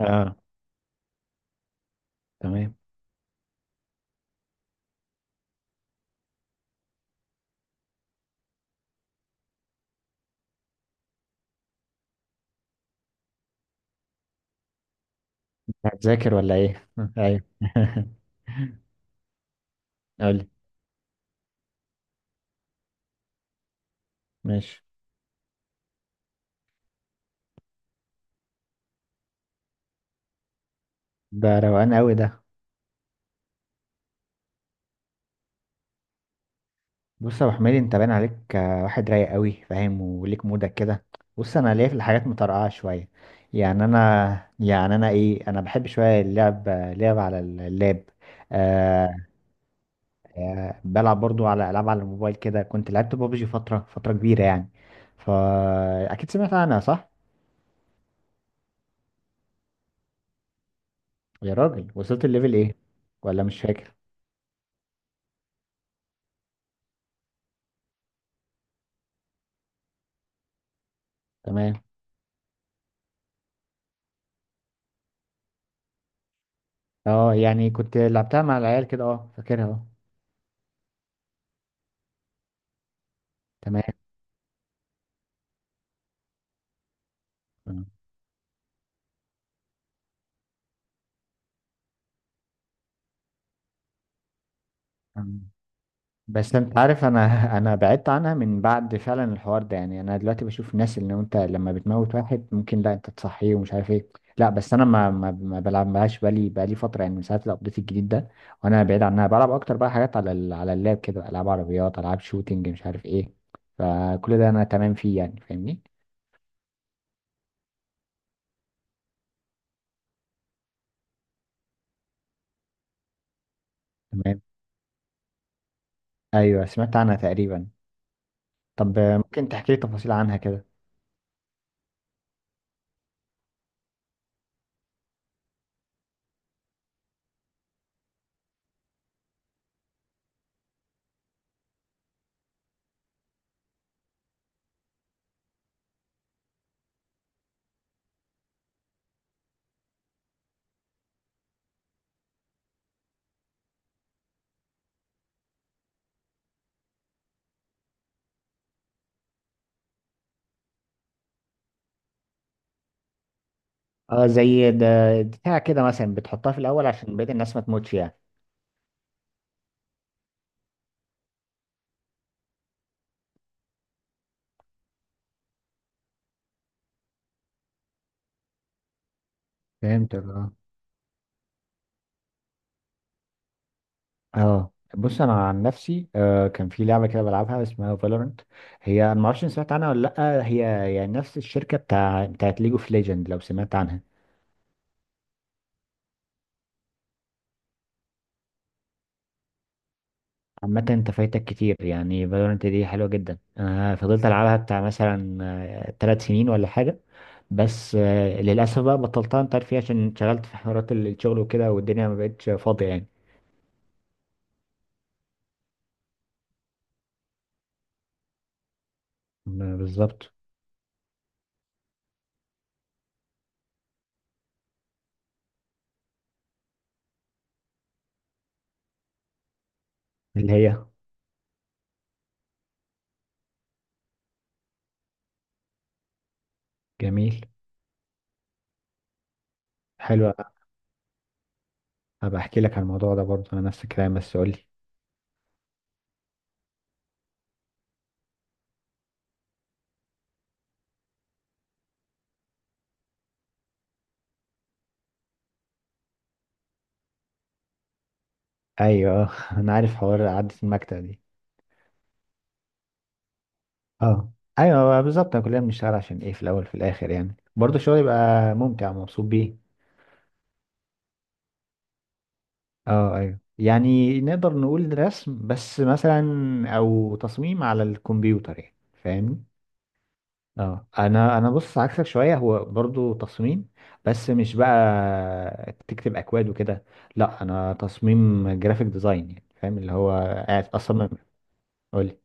اه، تمام. هتذاكر ولا ايه؟ ايوه. قولي. ماشي، ده روقان قوي ده. بص يا ابو حميد، انت باين عليك واحد رايق قوي، فاهم، وليك مودك كده. بص انا ليا في الحاجات مطرقعه شويه. انا بحب شويه اللعب، لعب على اللاب. آه. بلعب برضو على العاب على الموبايل كده، كنت لعبت بابجي فتره كبيره يعني. فا اكيد سمعت عنها، صح؟ يا راجل، وصلت الليفل ايه؟ ولا مش فاكر؟ تمام. اه يعني، كنت لعبتها مع العيال كده، اه فاكرها اه. تمام. أم. بس انت عارف انا، انا بعدت عنها من بعد فعلا الحوار ده. يعني انا دلوقتي بشوف الناس، اللي انت لما بتموت واحد ممكن لا انت تصحيه ومش عارف ايه. لا بس انا ما بلعبهاش بقالي فتره يعني، من ساعه الابديت الجديد ده. وانا بعيد عنها، بلعب اكتر بقى حاجات على على اللاب كده، العاب عربيات، العاب شوتينج مش عارف ايه. فكل ده انا تمام فيه يعني، فاهمني. تمام. ايوه، سمعت عنها تقريبا. طب ممكن تحكي لي تفاصيل عنها كده؟ اه زي ده بتاع كده مثلا، بتحطها في الاول عشان بقية الناس ما تموتش يعني. فهمتك اه. اه، بص انا عن نفسي آه، كان في لعبه كده بلعبها اسمها فالورنت. هي أنا ما اعرفش إن سمعت عنها ولا لا. هي يعني نفس الشركه بتاعت ليج اوف ليجند، لو سمعت عنها. عامه انت فايتك كتير يعني، فالورنت دي حلوه جدا، انا فضلت العبها بتاع مثلا ثلاث سنين ولا حاجه. بس آه، للاسف بقى بطلتها، انت عارف فيها، عشان انشغلت في حوارات الشغل وكده، والدنيا ما بقتش فاضيه يعني. م- بالظبط. اللي هي، جميل. حلو. هبقى احكي لك على الموضوع ده برضه، انا نفس الكلام، بس قول لي. ايوه. انا عارف حوار قعدة المكتب دي. اه ايوه بالظبط، انا كلنا بنشتغل عشان ايه في الاول في الاخر، يعني برضه الشغل يبقى ممتع ومبسوط بيه. اه ايوه، يعني نقدر نقول رسم بس مثلا، او تصميم على الكمبيوتر يعني. فاهمني. اه انا بص، عكسك شويه. هو برضو تصميم، بس مش بقى تكتب اكواد وكده. لا، انا تصميم جرافيك ديزاين، يعني فاهم اللي هو قاعد اصمم. قولي.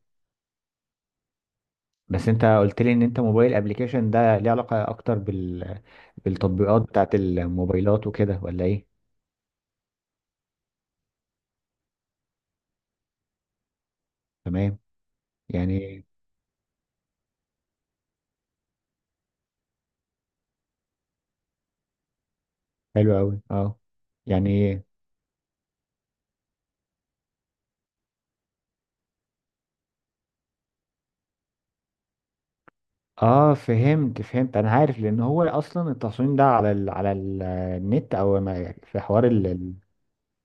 بس انت قلت لي ان انت موبايل ابلكيشن ده، ليه علاقه اكتر بال، بالتطبيقات بتاعت الموبايلات وكده ولا ايه؟ تمام. يعني. حلو قوي اه. يعني. اه، فهمت فهمت. انا عارف، لان هو اصلا التصميم ده على النت، او ما- في حوار.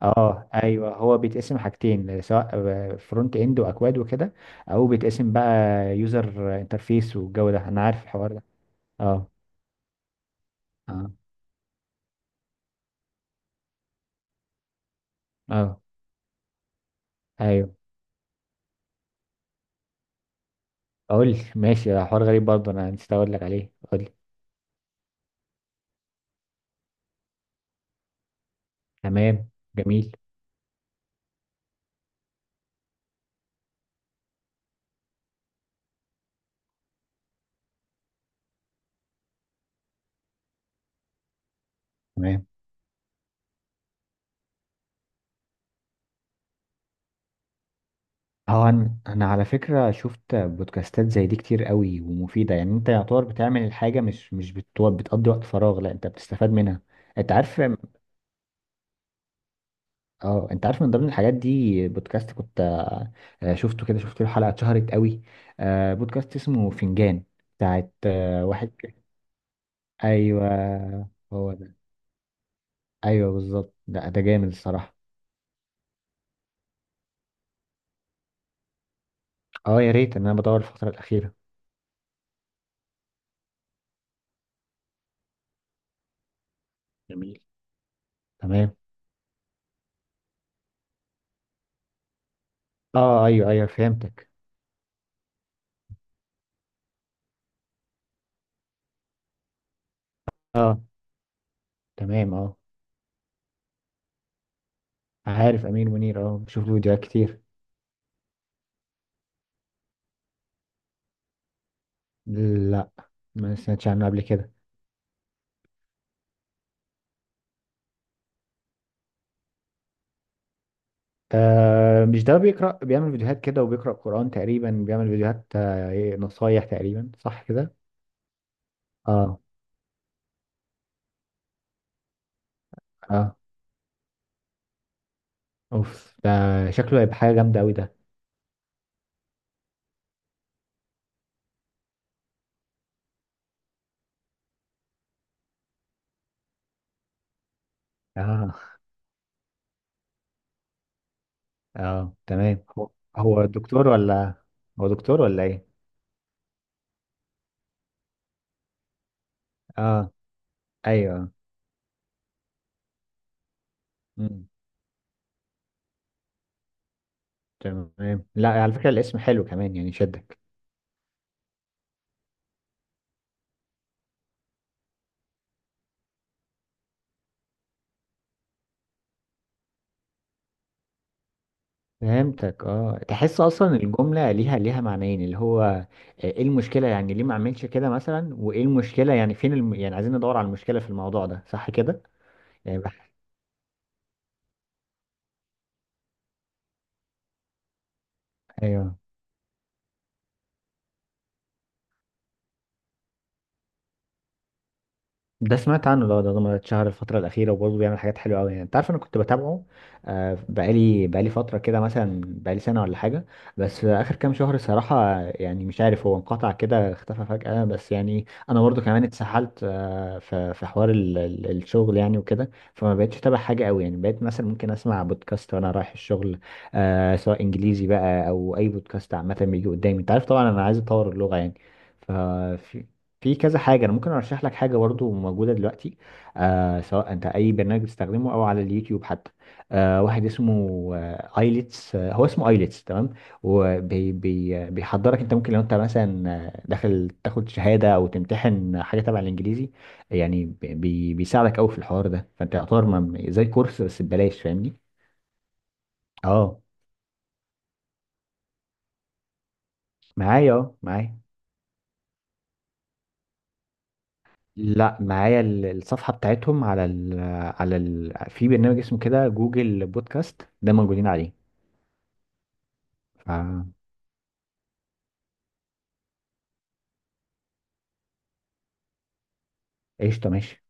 اه ايوه، هو بيتقسم حاجتين، سواء فرونت اند واكواد وكده، او بيتقسم بقى يوزر انترفيس والجو ده، انا عارف الحوار ده. اه. اه. اه ايوه. اقول لي؟ ماشي، ده حوار غريب برضه، انا نسيت اقول لك عليه، اقول لي. تمام. جميل. تمام. اه، انا على فكره شفت بودكاستات زي دي كتير قوي ومفيده يعني، انت يعتبر بتعمل الحاجه، مش مش بتو- بتقضي وقت فراغ، لا انت بتستفاد منها. انت عارف؟ اه انت عارف، من ضمن الحاجات دي بودكاست كنت، شفته كده، شفت له حلقه اتشهرت قوي، بودكاست اسمه فنجان، بتاعت واحد ك-. ايوه، هو ده. ايوه بالظبط، ده ده جامد الصراحه. اه، يا ريت، ان انا بدور الفتره الاخيره. جميل. تمام. اه اه ايوه ايوه، فهمتك اه. تمام. اه، عارف امير منير، اه بشوف له فيديوهات كتير. لا، ما سمعتش عنه قبل كده. آه، مش ده بيقرأ، بيعمل فيديوهات كده، وبيقرأ قرآن تقريبا، بيعمل فيديوهات آه نصايح تقريبا، صح كده؟ اه. اه. اوف، ده شكله هيبقى حاجة جامدة أوي ده. اه. اه تمام. هو هو دكتور ولا. هو دكتور ولا ايه؟ اه. ايوه. مم. تمام. لا على فكرة الاسم حلو كمان يعني، شدك. فهمتك اه، تحس اصلا الجملة ليها ليها معنيين، اللي هو ايه المشكلة يعني، ليه ما اعملش كده مثلا، وايه المشكلة يعني، فين الم-، يعني عايزين ندور على المشكلة في الموضوع ده، صح كده؟ يعني بح-. ايوه، ده سمعت عنه، ده ده ده اتشهر الفترة الأخيرة، وبرضه بيعمل حاجات حلوة أوي يعني، أنت عارف. أنا كنت بتابعه بقالي فترة كده، مثلا بقالي سنة ولا حاجة. بس آخر كام شهر الصراحة يعني، مش عارف هو انقطع كده، اختفى فجأة. بس يعني أنا برضه كمان اتسحلت في في حوار الشغل يعني وكده، فما بقتش أتابع حاجة أوي يعني، بقيت مثلا ممكن أسمع بودكاست وأنا رايح الشغل، سواء إنجليزي بقى أو أي بودكاست عامة بيجي قدامي. أنت عارف طبعا أنا عايز أطور اللغة يعني. ف في كذا حاجة أنا ممكن أرشح لك حاجة برضو موجودة دلوقتي. آه، سواء أنت أي برنامج بتستخدمه أو على اليوتيوب حتى. آه، واحد اسمه ايلتس، آه هو اسمه ايلتس، تمام. وبيحضرك أنت، ممكن لو أنت مثلا داخل تاخد شهادة أو تمتحن حاجة تبع الإنجليزي، يعني بيساعدك أوي في الحوار ده، فأنت يعتبر ما- زي كورس بس ببلاش، فاهمني؟ أه، معايا أه معايا. لا معايا الصفحة بتاعتهم على ال على ال في برنامج اسمه كده جوجل بودكاست، ده موجودين عليه. فقشطة. ماشي.